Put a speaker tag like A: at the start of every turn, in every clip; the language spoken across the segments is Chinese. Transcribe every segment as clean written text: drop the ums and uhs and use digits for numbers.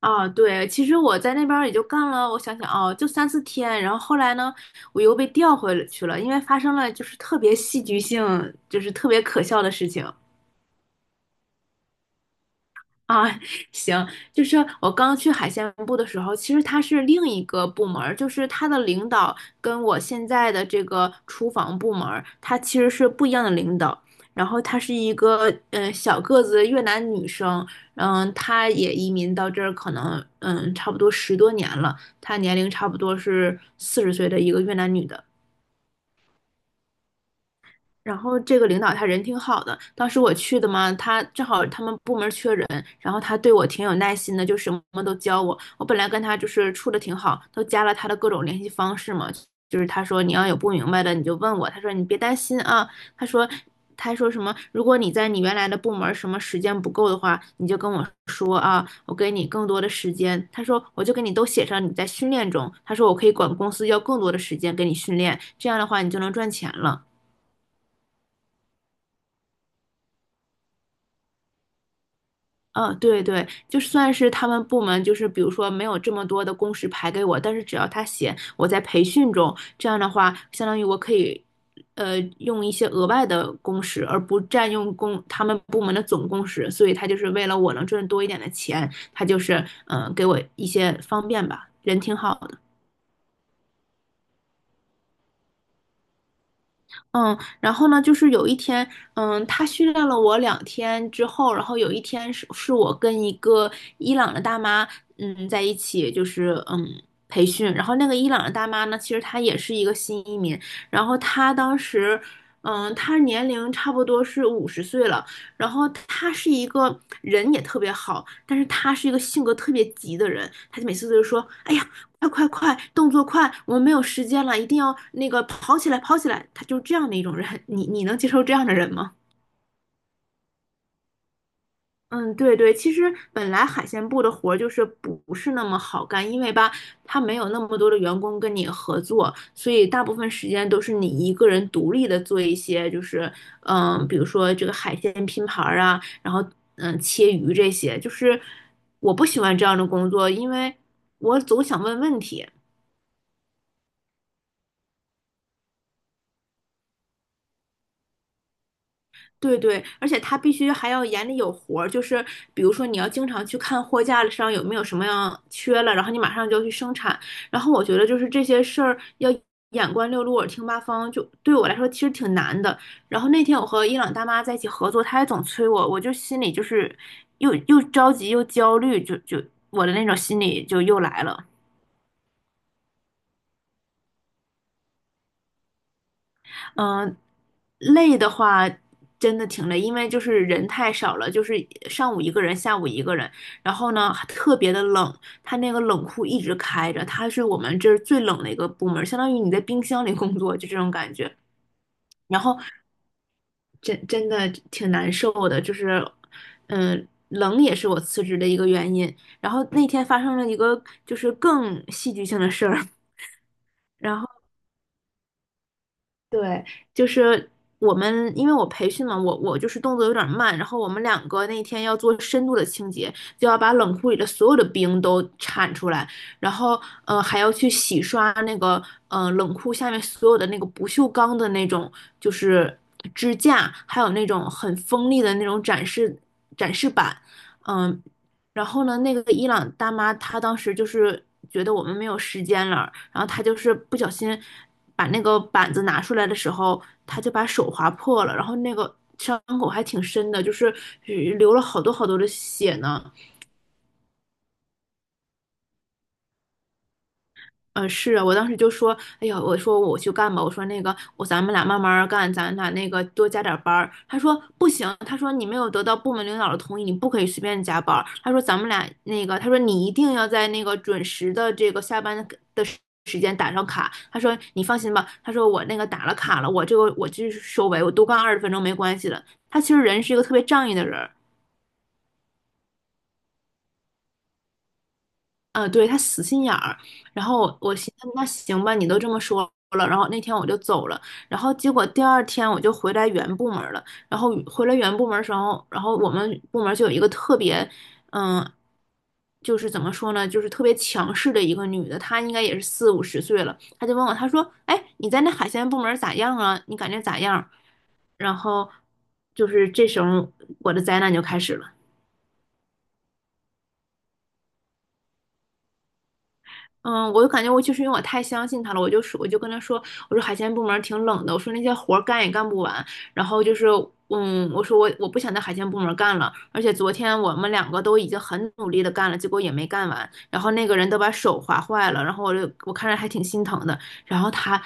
A: 啊，对，其实我在那边儿也就干了，我想想哦，就3、4天，然后后来呢，我又被调回了去了，因为发生了就是特别戏剧性，就是特别可笑的事情。啊，行，就是我刚去海鲜部的时候，其实它是另一个部门儿，就是它的领导跟我现在的这个厨房部门儿，它其实是不一样的领导。然后她是一个小个子越南女生，嗯，她也移民到这儿，可能差不多10多年了，她年龄差不多是40岁的一个越南女的。然后这个领导他人挺好的，当时我去的嘛，他正好他们部门缺人，然后他对我挺有耐心的，就什么都教我。我本来跟他就是处的挺好，都加了他的各种联系方式嘛，就是他说你要有不明白的你就问我，他说你别担心啊，他说他说什么，如果你在你原来的部门什么时间不够的话，你就跟我说啊，我给你更多的时间。他说我就给你都写上你在训练中，他说我可以管公司要更多的时间给你训练，这样的话你就能赚钱了。嗯，对对，就算是他们部门，就是比如说没有这么多的工时排给我，但是只要他写我在培训中，这样的话，相当于我可以，用一些额外的工时，而不占用工他们部门的总工时，所以他就是为了我能赚多一点的钱，他就是给我一些方便吧，人挺好的。嗯，然后呢，就是有一天，嗯，他训练了我2天之后，然后有一天是我跟一个伊朗的大妈，嗯，在一起，就是培训。然后那个伊朗的大妈呢，其实她也是一个新移民，然后她当时，她年龄差不多是五十岁了，然后她是一个人也特别好，但是她是一个性格特别急的人，她就每次都是说，哎呀，快快快，动作快，我们没有时间了，一定要那个跑起来，跑起来。他就是这样的一种人，你能接受这样的人吗？嗯，对对，其实本来海鲜部的活儿就是不是那么好干，因为吧，他没有那么多的员工跟你合作，所以大部分时间都是你一个人独立的做一些，就是比如说这个海鲜拼盘儿啊，然后切鱼这些，就是我不喜欢这样的工作，因为我总想问问题。对对，而且他必须还要眼里有活儿，就是比如说你要经常去看货架上有没有什么样缺了，然后你马上就要去生产。然后我觉得就是这些事儿要眼观六路，耳听八方，就对我来说其实挺难的。然后那天我和伊朗大妈在一起合作，她也总催我，我就心里就是又着急又焦虑，就我的那种心理就又来了。嗯，累的话真的挺累，因为就是人太少了，就是上午一个人，下午一个人，然后呢还特别的冷，它那个冷库一直开着，它是我们这儿最冷的一个部门，相当于你在冰箱里工作，就这种感觉。然后真的挺难受的，就是嗯，冷也是我辞职的一个原因。然后那天发生了一个就是更戏剧性的事儿。然后。对，就是我们，因为我培训嘛，我就是动作有点慢，然后我们两个那天要做深度的清洁，就要把冷库里的所有的冰都铲出来，然后还要去洗刷那个冷库下面所有的那个不锈钢的那种就是支架，还有那种很锋利的那种展示板，嗯，然后呢，那个伊朗大妈她当时就是觉得我们没有时间了，然后他就是不小心把那个板子拿出来的时候，他就把手划破了，然后那个伤口还挺深的，就是流了好多好多的血呢。嗯，是啊，我当时就说，哎呀，我说我去干吧，我说那个，我咱们俩慢慢儿干，咱俩那个多加点儿班儿。他说不行，他说你没有得到部门领导的同意，你不可以随便加班儿。他说咱们俩那个，他说你一定要在那个准时的这个下班的时间打上卡。他说你放心吧，他说我那个打了卡了，我这个我就是收尾，我多干20分钟没关系的。他其实人是一个特别仗义的人，嗯，对，他死心眼儿。然后我寻思，那行吧，你都这么说了。然后那天我就走了。然后结果第二天我就回来原部门儿了。然后回来原部门儿的时候，然后我们部门儿就有一个特别，嗯，就是怎么说呢，就是特别强势的一个女的，她应该也是40、50岁了。她就问我，她说："哎，你在那海鲜部门儿咋样啊？你感觉咋样？"然后就是这时候我的灾难就开始了。嗯，我就感觉我就是因为我太相信他了，我就说我就跟他说，我说海鲜部门儿挺冷的，我说那些活儿干也干不完，然后就是嗯，我说我不想在海鲜部门儿干了，而且昨天我们两个都已经很努力的干了，结果也没干完，然后那个人都把手划坏了，然后我就我看着还挺心疼的，然后他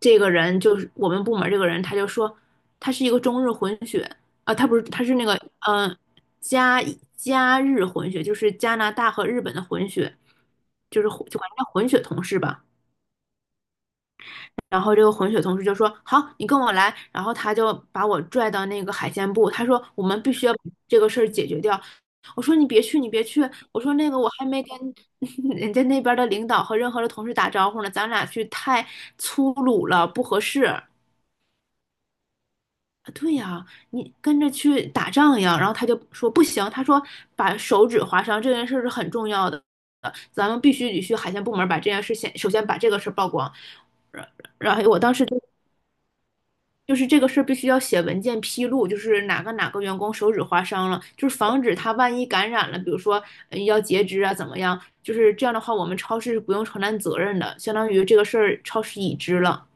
A: 这个人就是我们部门儿这个人，他就说他是一个中日混血啊，他不是他是那个嗯加加日混血，就是加拿大和日本的混血，就是混就管它叫混血同事吧。然后这个混血同事就说："好，你跟我来。"然后他就把我拽到那个海鲜部，他说："我们必须要把这个事儿解决掉。"我说："你别去，你别去。"我说："那个我还没跟 人家那边的领导和任何的同事打招呼呢，咱俩去太粗鲁了，不合适。"对呀，你跟着去打仗一样。然后他就说不行，他说把手指划伤这件事是很重要的，咱们必须得去海鲜部门把这件事先首先把这个事儿曝光。然然后我当时就就是这个事儿必须要写文件披露，就是哪个员工手指划伤了，就是防止他万一感染了，比如说要截肢啊怎么样，就是这样的话我们超市是不用承担责任的，相当于这个事儿超市已知了。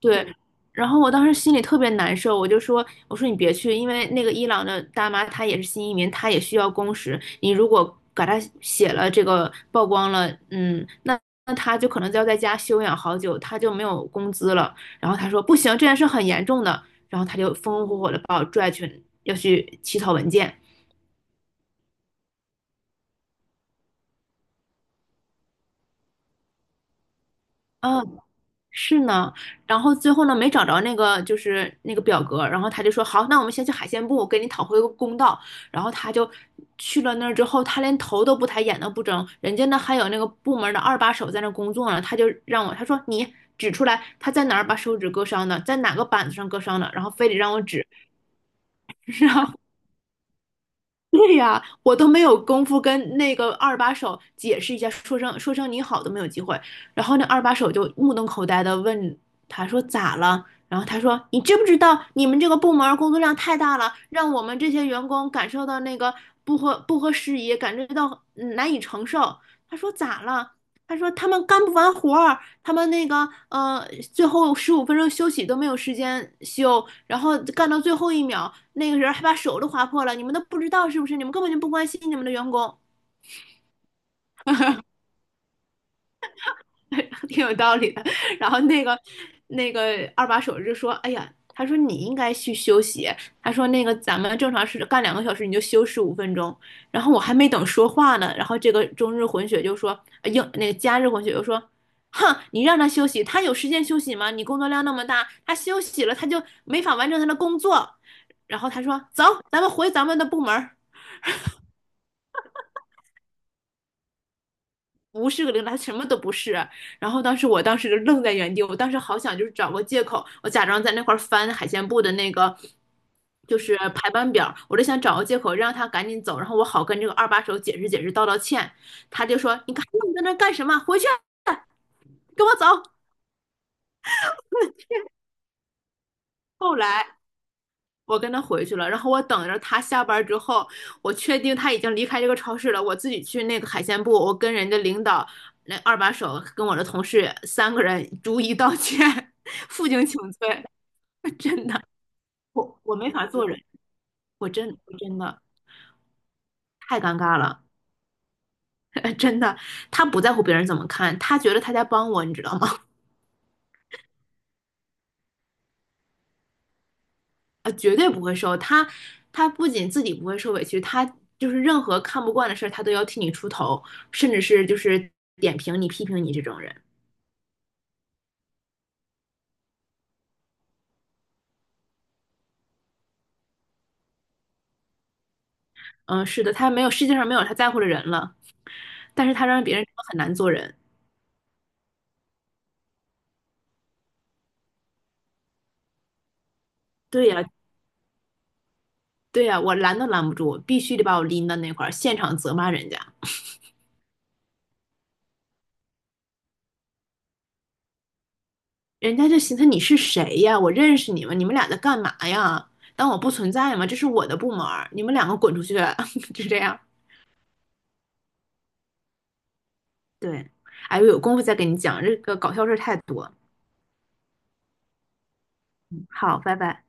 A: 对，然后我当时心里特别难受，我就说，我说你别去，因为那个伊朗的大妈她也是新移民，她也需要工时，你如果给她写了这个曝光了，嗯，那她就可能就要在家休养好久，她就没有工资了。然后她说不行，这件事很严重的，然后她就风风火火的把我拽去要去起草文件。啊，是呢，然后最后呢没找着那个就是那个表格，然后他就说好，那我们先去海鲜部，我给你讨回个公道。然后他就去了那儿之后，他连头都不抬，眼都不睁，人家那还有那个部门的二把手在那工作呢，他就让我，他说你指出来他在哪儿把手指割伤的，在哪个板子上割伤的，然后非得让我指，然后 对呀，我都没有功夫跟那个二把手解释一下，说声你好都没有机会。然后那二把手就目瞪口呆的问他说咋了？然后他说你知不知道你们这个部门儿工作量太大了，让我们这些员工感受到那个不合时宜，感觉到难以承受。他说咋了？他说他们干不完活儿，他们那个最后十五分钟休息都没有时间休，然后干到最后一秒，那个人还把手都划破了，你们都不知道是不是？你们根本就不关心你们的员工。挺有道理的。然后那个那个二把手就说：“哎呀，他说你应该去休息。他说那个咱们正常是干2个小时，你就休十五分钟。然后我还没等说话呢，然后这个中日混血就说，呃英那个加日混血就说，哼，你让他休息，他有时间休息吗？你工作量那么大，他休息了他就没法完成他的工作。然后他说，走，咱们回咱们的部门儿。”不是个零，他什么都不是。然后当时我当时就愣在原地，我当时好想就是找个借口，我假装在那块儿翻海鲜部的那个就是排班表，我就想找个借口让他赶紧走，然后我好跟这个二把手解释解释，道歉。他就说：“你看你在那儿干什么？回去啊，跟我走。”后来。我跟他回去了，然后我等着他下班之后，我确定他已经离开这个超市了，我自己去那个海鲜部，我跟人家领导那二把手跟我的同事3个人逐一道歉，负荆请罪，真的，我没法做人，我真的太尴尬了，真的，他不在乎别人怎么看，他觉得他在帮我，你知道吗？啊，绝对不会受。他不仅自己不会受委屈，他就是任何看不惯的事儿，他都要替你出头，甚至是就是点评你、批评你这种人。嗯，是的，他没有世界上没有他在乎的人了，但是他让别人真的很难做人。对呀，对呀，我拦都拦不住，必须得把我拎到那块儿，现场责骂人家。人家就寻思你是谁呀？我认识你吗？你们俩在干嘛呀？当我不存在吗？这是我的部门儿，你们两个滚出去！就这样。对，哎，我有功夫再跟你讲，这个搞笑事儿太多。好，拜拜。